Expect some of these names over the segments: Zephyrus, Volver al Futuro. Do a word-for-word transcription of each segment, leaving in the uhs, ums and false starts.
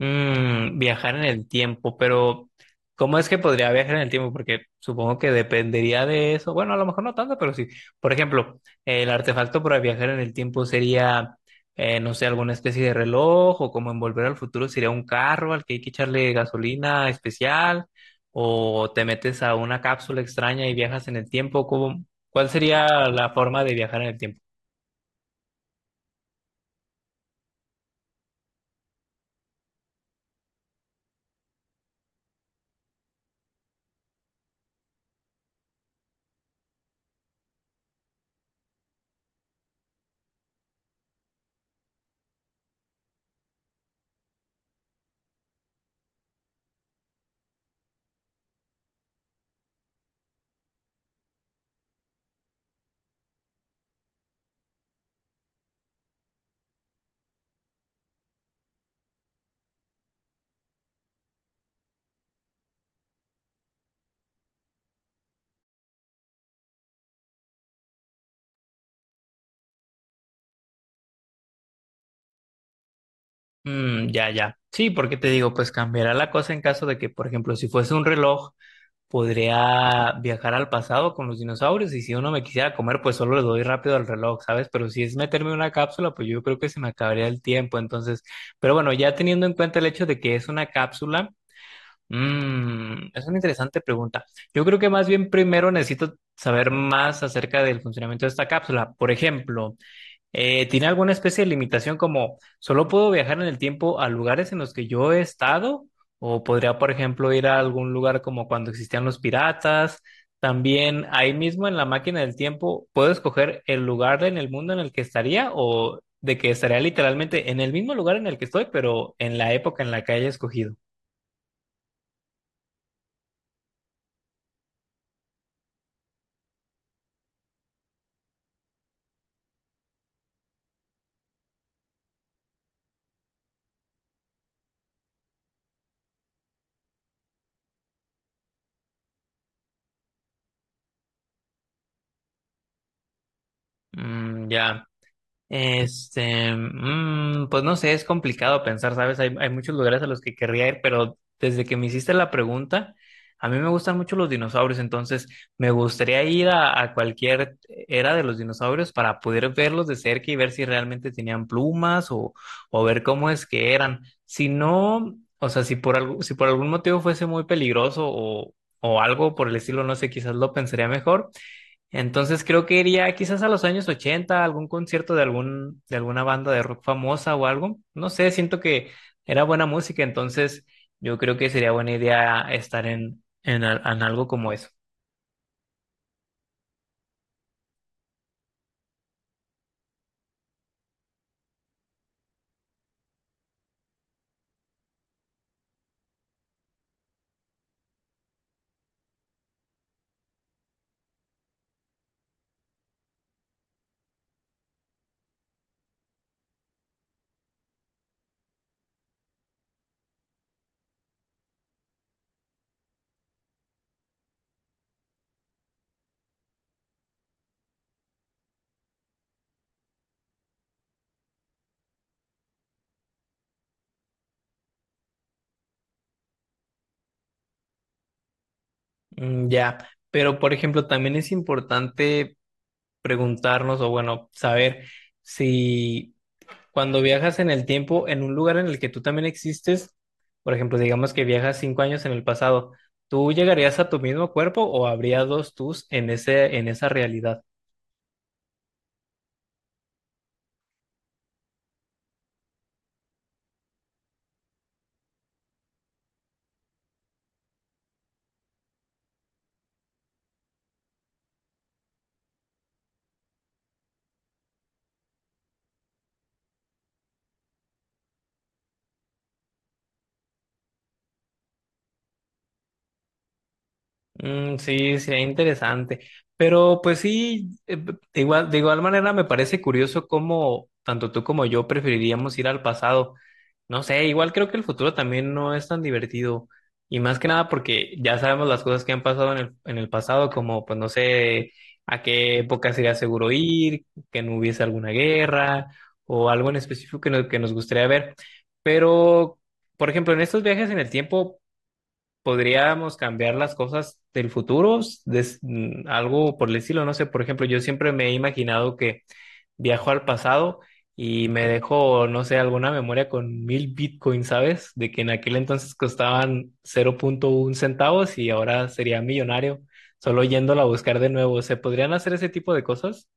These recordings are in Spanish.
Mm, viajar en el tiempo, pero ¿cómo es que podría viajar en el tiempo? Porque supongo que dependería de eso. Bueno, a lo mejor no tanto, pero sí. Por ejemplo, el artefacto para viajar en el tiempo sería, eh, no sé, alguna especie de reloj o como en Volver al Futuro sería un carro al que hay que echarle gasolina especial o te metes a una cápsula extraña y viajas en el tiempo. ¿Cómo- cuál sería la forma de viajar en el tiempo? Mm, ya, ya. Sí, porque te digo, pues cambiará la cosa en caso de que, por ejemplo, si fuese un reloj, podría viajar al pasado con los dinosaurios y si uno me quisiera comer, pues solo le doy rápido al reloj, ¿sabes? Pero si es meterme en una cápsula, pues yo creo que se me acabaría el tiempo. Entonces, pero bueno, ya teniendo en cuenta el hecho de que es una cápsula, mm, es una interesante pregunta. Yo creo que más bien primero necesito saber más acerca del funcionamiento de esta cápsula. Por ejemplo, eh, ¿tiene alguna especie de limitación como solo puedo viajar en el tiempo a lugares en los que yo he estado? ¿O podría, por ejemplo, ir a algún lugar como cuando existían los piratas? También ahí mismo en la máquina del tiempo, ¿puedo escoger el lugar en el mundo en el que estaría o de que estaría literalmente en el mismo lugar en el que estoy, pero en la época en la que haya escogido? Mm, ya. Este, mm, pues no sé, es complicado pensar, ¿sabes? Hay, hay muchos lugares a los que querría ir, pero desde que me hiciste la pregunta, a mí me gustan mucho los dinosaurios, entonces me gustaría ir a, a cualquier era de los dinosaurios para poder verlos de cerca y ver si realmente tenían plumas o, o ver cómo es que eran. Si no, o sea, si por algo, si por algún motivo fuese muy peligroso o, o algo por el estilo, no sé, quizás lo pensaría mejor entonces creo que iría quizás a los años ochenta, a algún concierto de algún, de alguna banda de rock famosa o algo. No sé, siento que era buena música, entonces yo creo que sería buena idea estar en, en, al- en algo como eso. Mm, ya, pero por ejemplo, también es importante preguntarnos o bueno, saber si cuando viajas en el tiempo, en un lugar en el que tú también existes, por ejemplo, digamos que viajas cinco años en el pasado, ¿tú llegarías a tu mismo cuerpo o habría dos tus en ese, en esa realidad? Mm, sí, sería interesante. Pero pues sí, eh, de igual, de igual manera me parece curioso cómo tanto tú como yo preferiríamos ir al pasado. No sé, igual creo que el futuro también no es tan divertido. Y más que nada porque ya sabemos las cosas que han pasado en el, en el pasado, como pues no sé a qué época sería seguro ir, que no hubiese alguna guerra o algo en específico que nos, que nos gustaría ver. Pero, por ejemplo, en estos viajes en el tiempo podríamos cambiar las cosas del futuro, des- mm, algo por el estilo, no sé, por ejemplo, yo siempre me he imaginado que viajo al pasado y me dejo, no sé, alguna memoria con mil bitcoins, ¿sabes? De que en aquel entonces costaban cero punto uno centavos y ahora sería millonario, solo yéndola a buscar de nuevo. ¿Se podrían hacer ese tipo de cosas?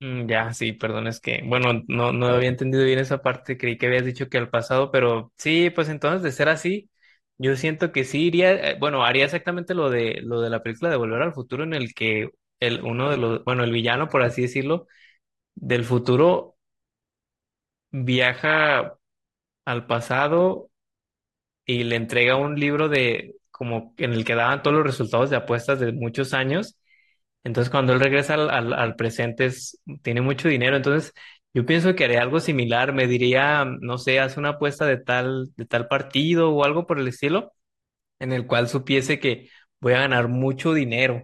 Mm, ya, sí, perdón, es que, bueno, no, no había entendido bien esa parte, creí que habías dicho que al pasado, pero sí, pues entonces de ser así, yo siento que sí iría, eh, bueno, haría exactamente lo de, lo de la película de Volver al Futuro, en el que el, uno de los, bueno, el villano, por así decirlo, del futuro viaja al pasado y le entrega un libro de, como en el que daban todos los resultados de apuestas de muchos años. Entonces, cuando él regresa al, al- al presente, es- tiene mucho dinero. Entonces, yo pienso que haré algo similar. Me diría, no sé, haz una apuesta de tal, de tal partido o algo por el estilo, en el cual supiese que voy a ganar mucho dinero.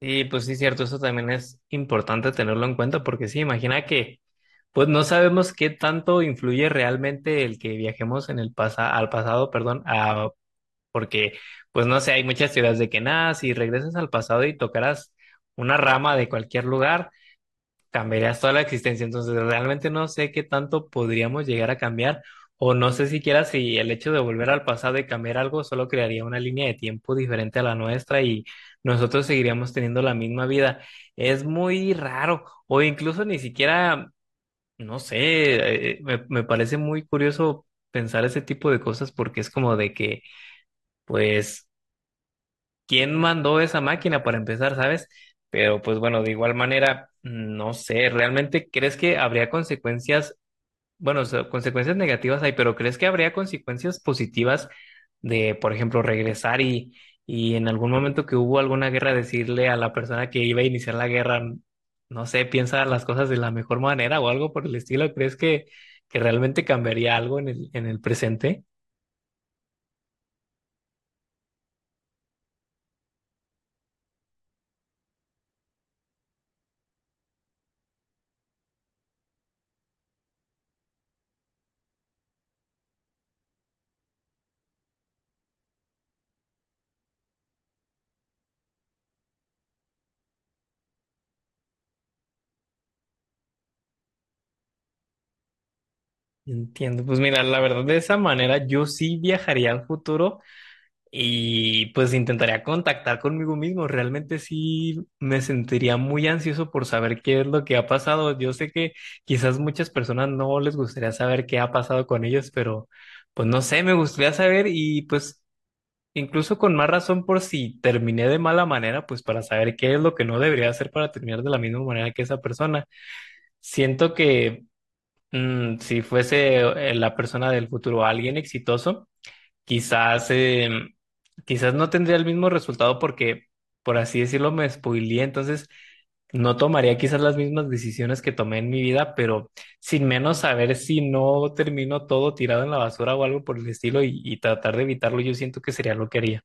Y pues sí, cierto, eso también es importante tenerlo en cuenta, porque sí, imagina que, pues no sabemos qué tanto influye realmente el que viajemos en el pasa, al pasado, perdón, a porque, pues no sé, hay muchas teorías de que nada, si regresas al pasado y tocaras una rama de cualquier lugar, cambiarías toda la existencia. Entonces, realmente no sé qué tanto podríamos llegar a cambiar, o no sé siquiera si el hecho de volver al pasado y cambiar algo solo crearía una línea de tiempo diferente a la nuestra y nosotros seguiríamos teniendo la misma vida. Es muy raro, o incluso ni siquiera, no sé, eh, me, me parece muy curioso pensar ese tipo de cosas porque es como de que, pues, quién mandó esa máquina para empezar, ¿sabes? Pero pues bueno, de igual manera, no sé, ¿realmente crees que habría consecuencias? Bueno, o sea, consecuencias negativas hay, pero ¿crees que habría consecuencias positivas de, por ejemplo, regresar y, y en algún momento que hubo alguna guerra decirle a la persona que iba a iniciar la guerra, no sé, piensa las cosas de la mejor manera o algo por el estilo? ¿Crees que, que realmente cambiaría algo en el, en el presente? Entiendo, pues mira, la verdad de esa manera yo sí viajaría al futuro y pues intentaría contactar conmigo mismo. Realmente sí me sentiría muy ansioso por saber qué es lo que ha pasado. Yo sé que quizás muchas personas no les gustaría saber qué ha pasado con ellos, pero pues no sé, me gustaría saber y pues incluso con más razón por si terminé de mala manera, pues para saber qué es lo que no debería hacer para terminar de la misma manera que esa persona. Siento que mm, si fuese eh, la persona del futuro alguien exitoso, quizás, eh, quizás no tendría el mismo resultado porque, por así decirlo, me spoileé, entonces no tomaría quizás las mismas decisiones que tomé en mi vida, pero sin menos saber si no termino todo tirado en la basura o algo por el estilo y, y tratar de evitarlo, yo siento que sería lo que haría.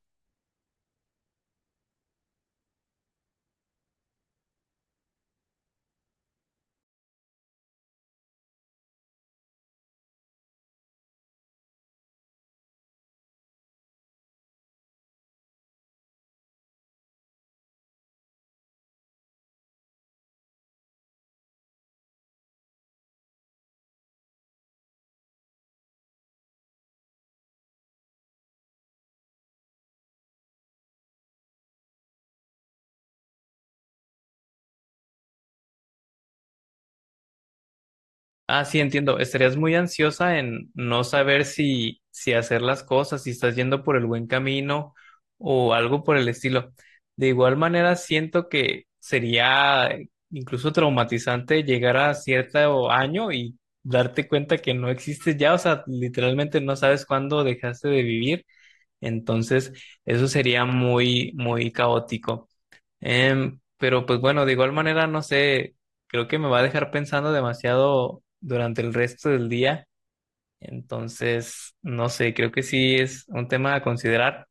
Ah, sí, entiendo. Estarías muy ansiosa en no saber si, si hacer las cosas, si estás yendo por el buen camino o algo por el estilo. De igual manera, siento que sería eh, incluso traumatizante llegar a cierto año y darte cuenta que no existes ya, o sea, literalmente no sabes cuándo dejaste de vivir. Entonces, eso sería muy, muy caótico. Em, pero pues bueno, de igual manera, no sé, creo que me va a dejar pensando demasiado durante el resto del día. Entonces, no sé, creo que sí es un tema a considerar.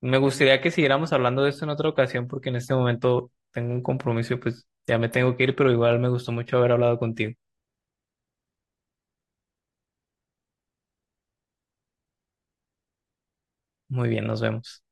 Me gustaría que siguiéramos hablando de esto en otra ocasión porque en este momento tengo un compromiso y pues ya me tengo que ir, pero igual me gustó mucho haber hablado contigo. Muy bien, nos vemos.